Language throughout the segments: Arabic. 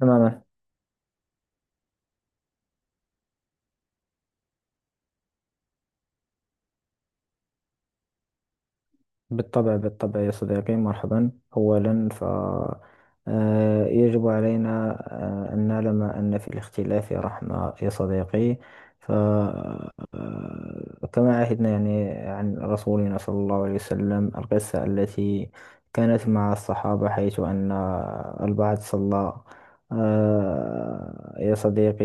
تماما. بالطبع يا صديقي، مرحبا. أولا ف آه، يجب علينا أن نعلم أن في الاختلاف رحمة يا صديقي. ف آه، كما عهدنا يعني عن رسولنا صلى الله عليه وسلم القصة التي كانت مع الصحابة، حيث أن البعض صلى يا صديقي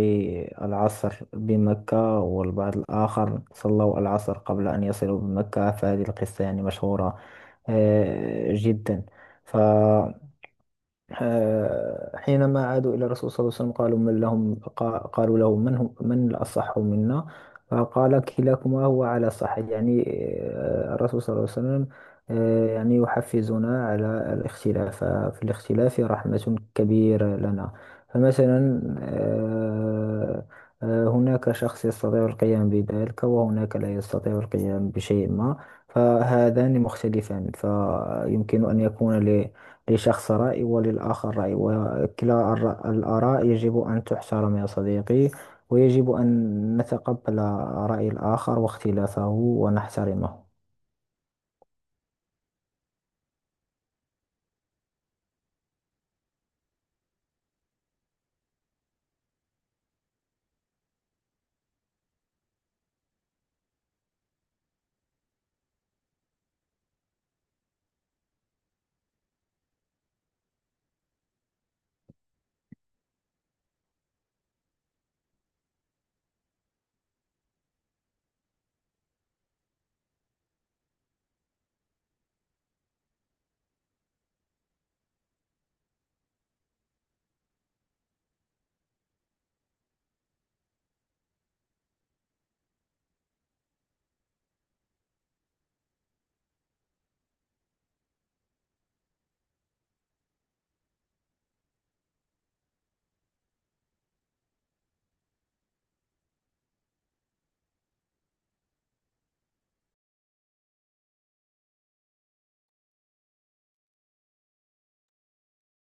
العصر بمكة، والبعض الآخر صلوا العصر قبل أن يصلوا بمكة. فهذه القصة يعني مشهورة جدا. ف آه، حينما عادوا إلى الرسول صلى الله عليه وسلم، قالوا له من هم من الأصح منا. فقال كلاكما هو على صح. يعني الرسول صلى الله عليه وسلم يعني يحفزنا على الاختلاف. في الاختلاف رحمة كبيرة لنا. فمثلا هناك شخص يستطيع القيام بذلك، وهناك لا يستطيع القيام بشيء ما. فهذان مختلفان، فيمكن أن يكون لشخص رأي وللآخر رأي، وكلا الآراء يجب أن تحترم يا صديقي. ويجب أن نتقبل رأي الآخر واختلافه ونحترمه.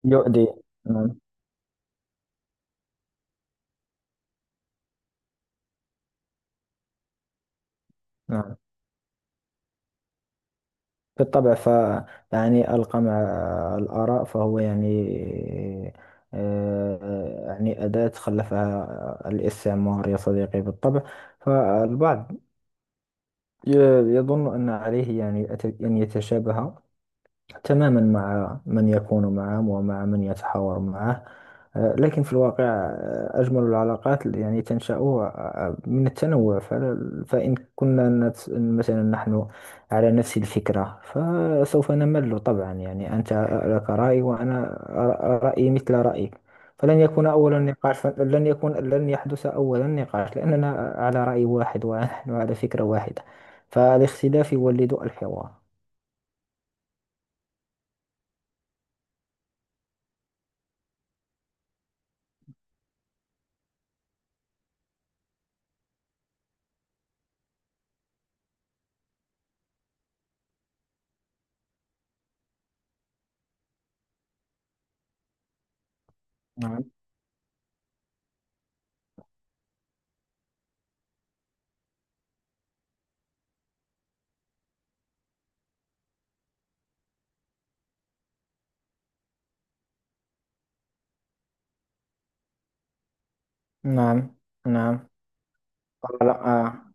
يؤدي نعم. نعم، بالطبع. يعني القمع الآراء، فهو يعني أداة خلفها الاستعمار يا صديقي، بالطبع. فالبعض ي- يظن أن عليه يعني أن يتشابه تماما مع من يكون معه ومع من يتحاور معه. لكن في الواقع أجمل العلاقات اللي يعني تنشأ من التنوع. فإن كنا مثلا نحن على نفس الفكرة فسوف نمل طبعا. يعني أنت لك رأي، وأنا رأيي مثل رأيك. فلن يكون أول النقاش، لن يحدث أول النقاش، لأننا على رأي واحد ونحن على فكرة واحدة. فالاختلاف يولد الحوار. نعم. نعم. نعم. آه. لا. آه.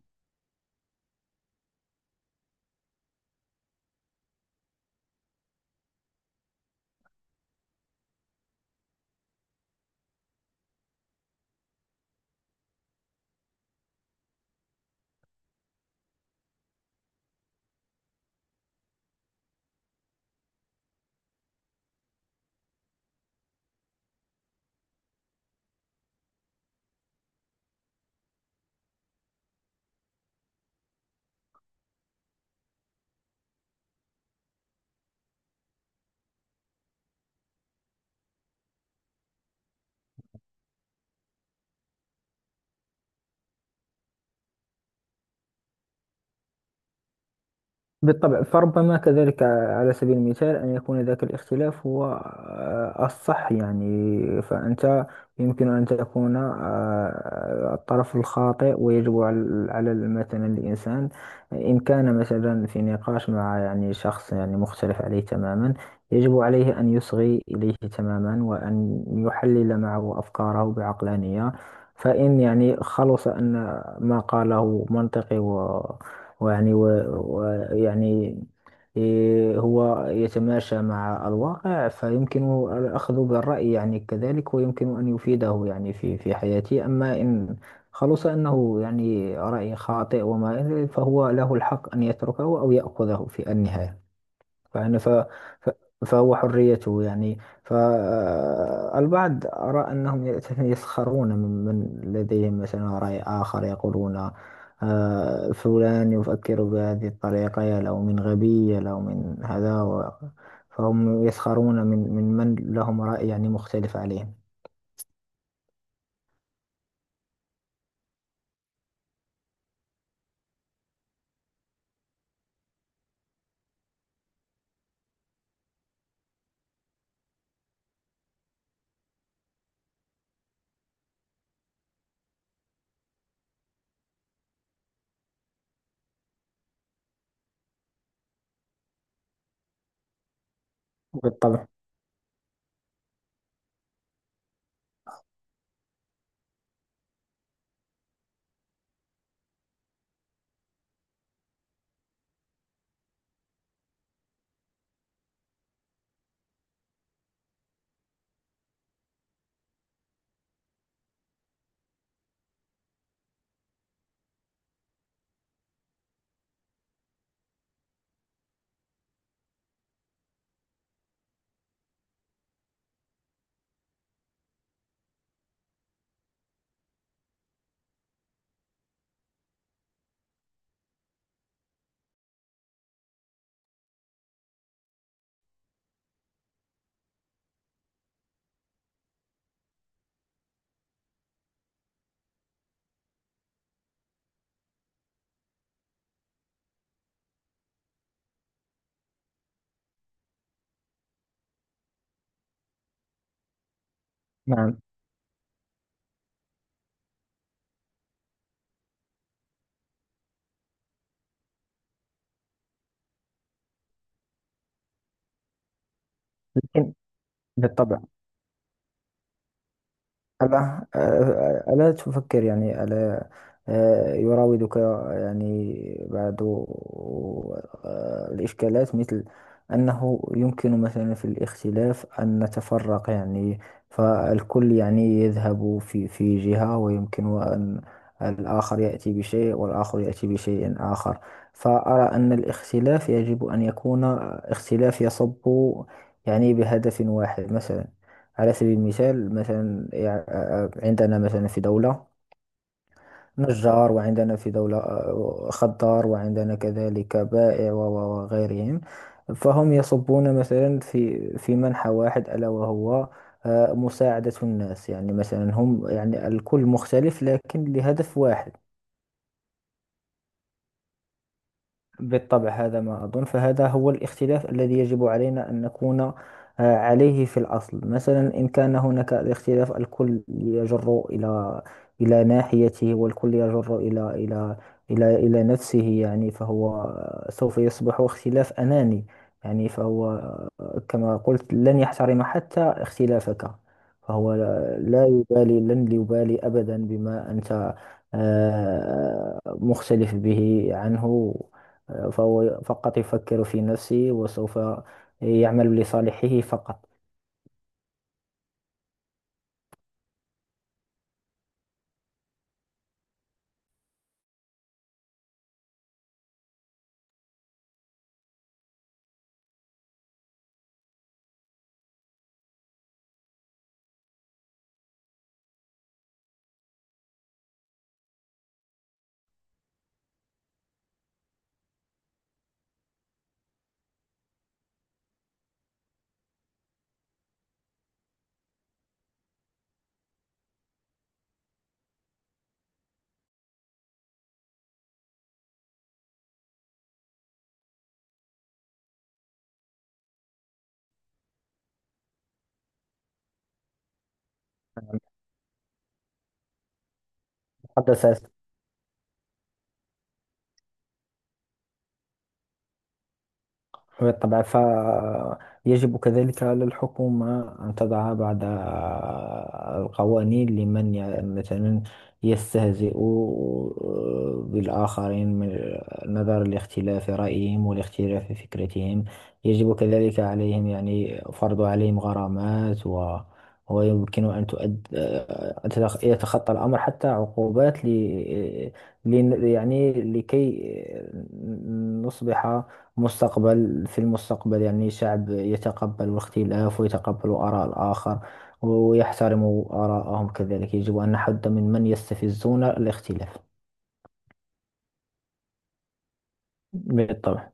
بالطبع. فربما كذلك على سبيل المثال أن يكون ذاك الاختلاف هو الصح. يعني فأنت يمكن أن تكون الطرف الخاطئ. ويجب على مثلا الإنسان، إن كان مثلا في نقاش مع يعني شخص يعني مختلف عليه تماما، يجب عليه أن يصغي إليه تماما وأن يحلل معه أفكاره بعقلانية. فإن يعني خلص أن ما قاله منطقي ويعني إيه، هو يتماشى مع الواقع، فيمكن الأخذ بالرأي يعني كذلك، ويمكن أن يفيده يعني في حياتي. أما إن خلص أنه يعني رأي خاطئ وما إلى ذلك، فهو له الحق أن يتركه أو يأخذه في النهاية. فإن ف... ف... فهو حريته يعني. فالبعض أرى أنهم يسخرون من من لديهم مثلا رأي آخر، يقولون فلان يفكر بهذه الطريقة، يا له من غبي، يا له من هذا فهم يسخرون من من لهم رأي يعني مختلف عليهم. بالطبع. نعم، لكن بالطبع. ألا ألا تفكر يعني، ألا يراودك يعني بعض الإشكالات، مثل أنه يمكن مثلا في الاختلاف أن نتفرق يعني؟ فالكل يعني يذهب في جهة، ويمكن أن الآخر يأتي بشيء والآخر يأتي بشيء آخر. فأرى أن الاختلاف يجب أن يكون اختلاف يصب يعني بهدف واحد. مثلا على سبيل المثال، مثلا عندنا مثلا في دولة نجار، وعندنا في دولة خضار، وعندنا كذلك بائع وغيرهم. فهم يصبون مثلا في منحى واحد، ألا وهو مساعدة الناس. يعني مثلا هم، يعني الكل مختلف، لكن لهدف واحد. بالطبع هذا ما أظن. فهذا هو الاختلاف الذي يجب علينا أن نكون عليه في الأصل. مثلا إن كان هناك الاختلاف، الكل يجر إلى ناحيته، والكل يجر إلى نفسه يعني، فهو سوف يصبح اختلاف أناني. يعني فهو كما قلت، لن يحترم حتى اختلافك. فهو لا يبالي، لن يبالي أبدا بما أنت مختلف به عنه. فهو فقط يفكر في نفسه، وسوف يعمل لصالحه فقط. تحدثت، بالطبع. فيجب كذلك على الحكومة أن تضع بعض القوانين لمن مثلا يستهزئ بالآخرين، من نظرا لاختلاف رأيهم والاختلاف في فكرتهم. يجب كذلك عليهم يعني فرض عليهم غرامات، و ويمكن أن تؤد آه، أن تتخ- يتخطى الأمر حتى عقوبات، ل... يعني لكي آه، نصبح في المستقبل يعني شعب يتقبل الاختلاف ويتقبل آراء الآخر ويحترم آراءهم. كذلك يجب أن نحد من من يستفزون الاختلاف. بالطبع.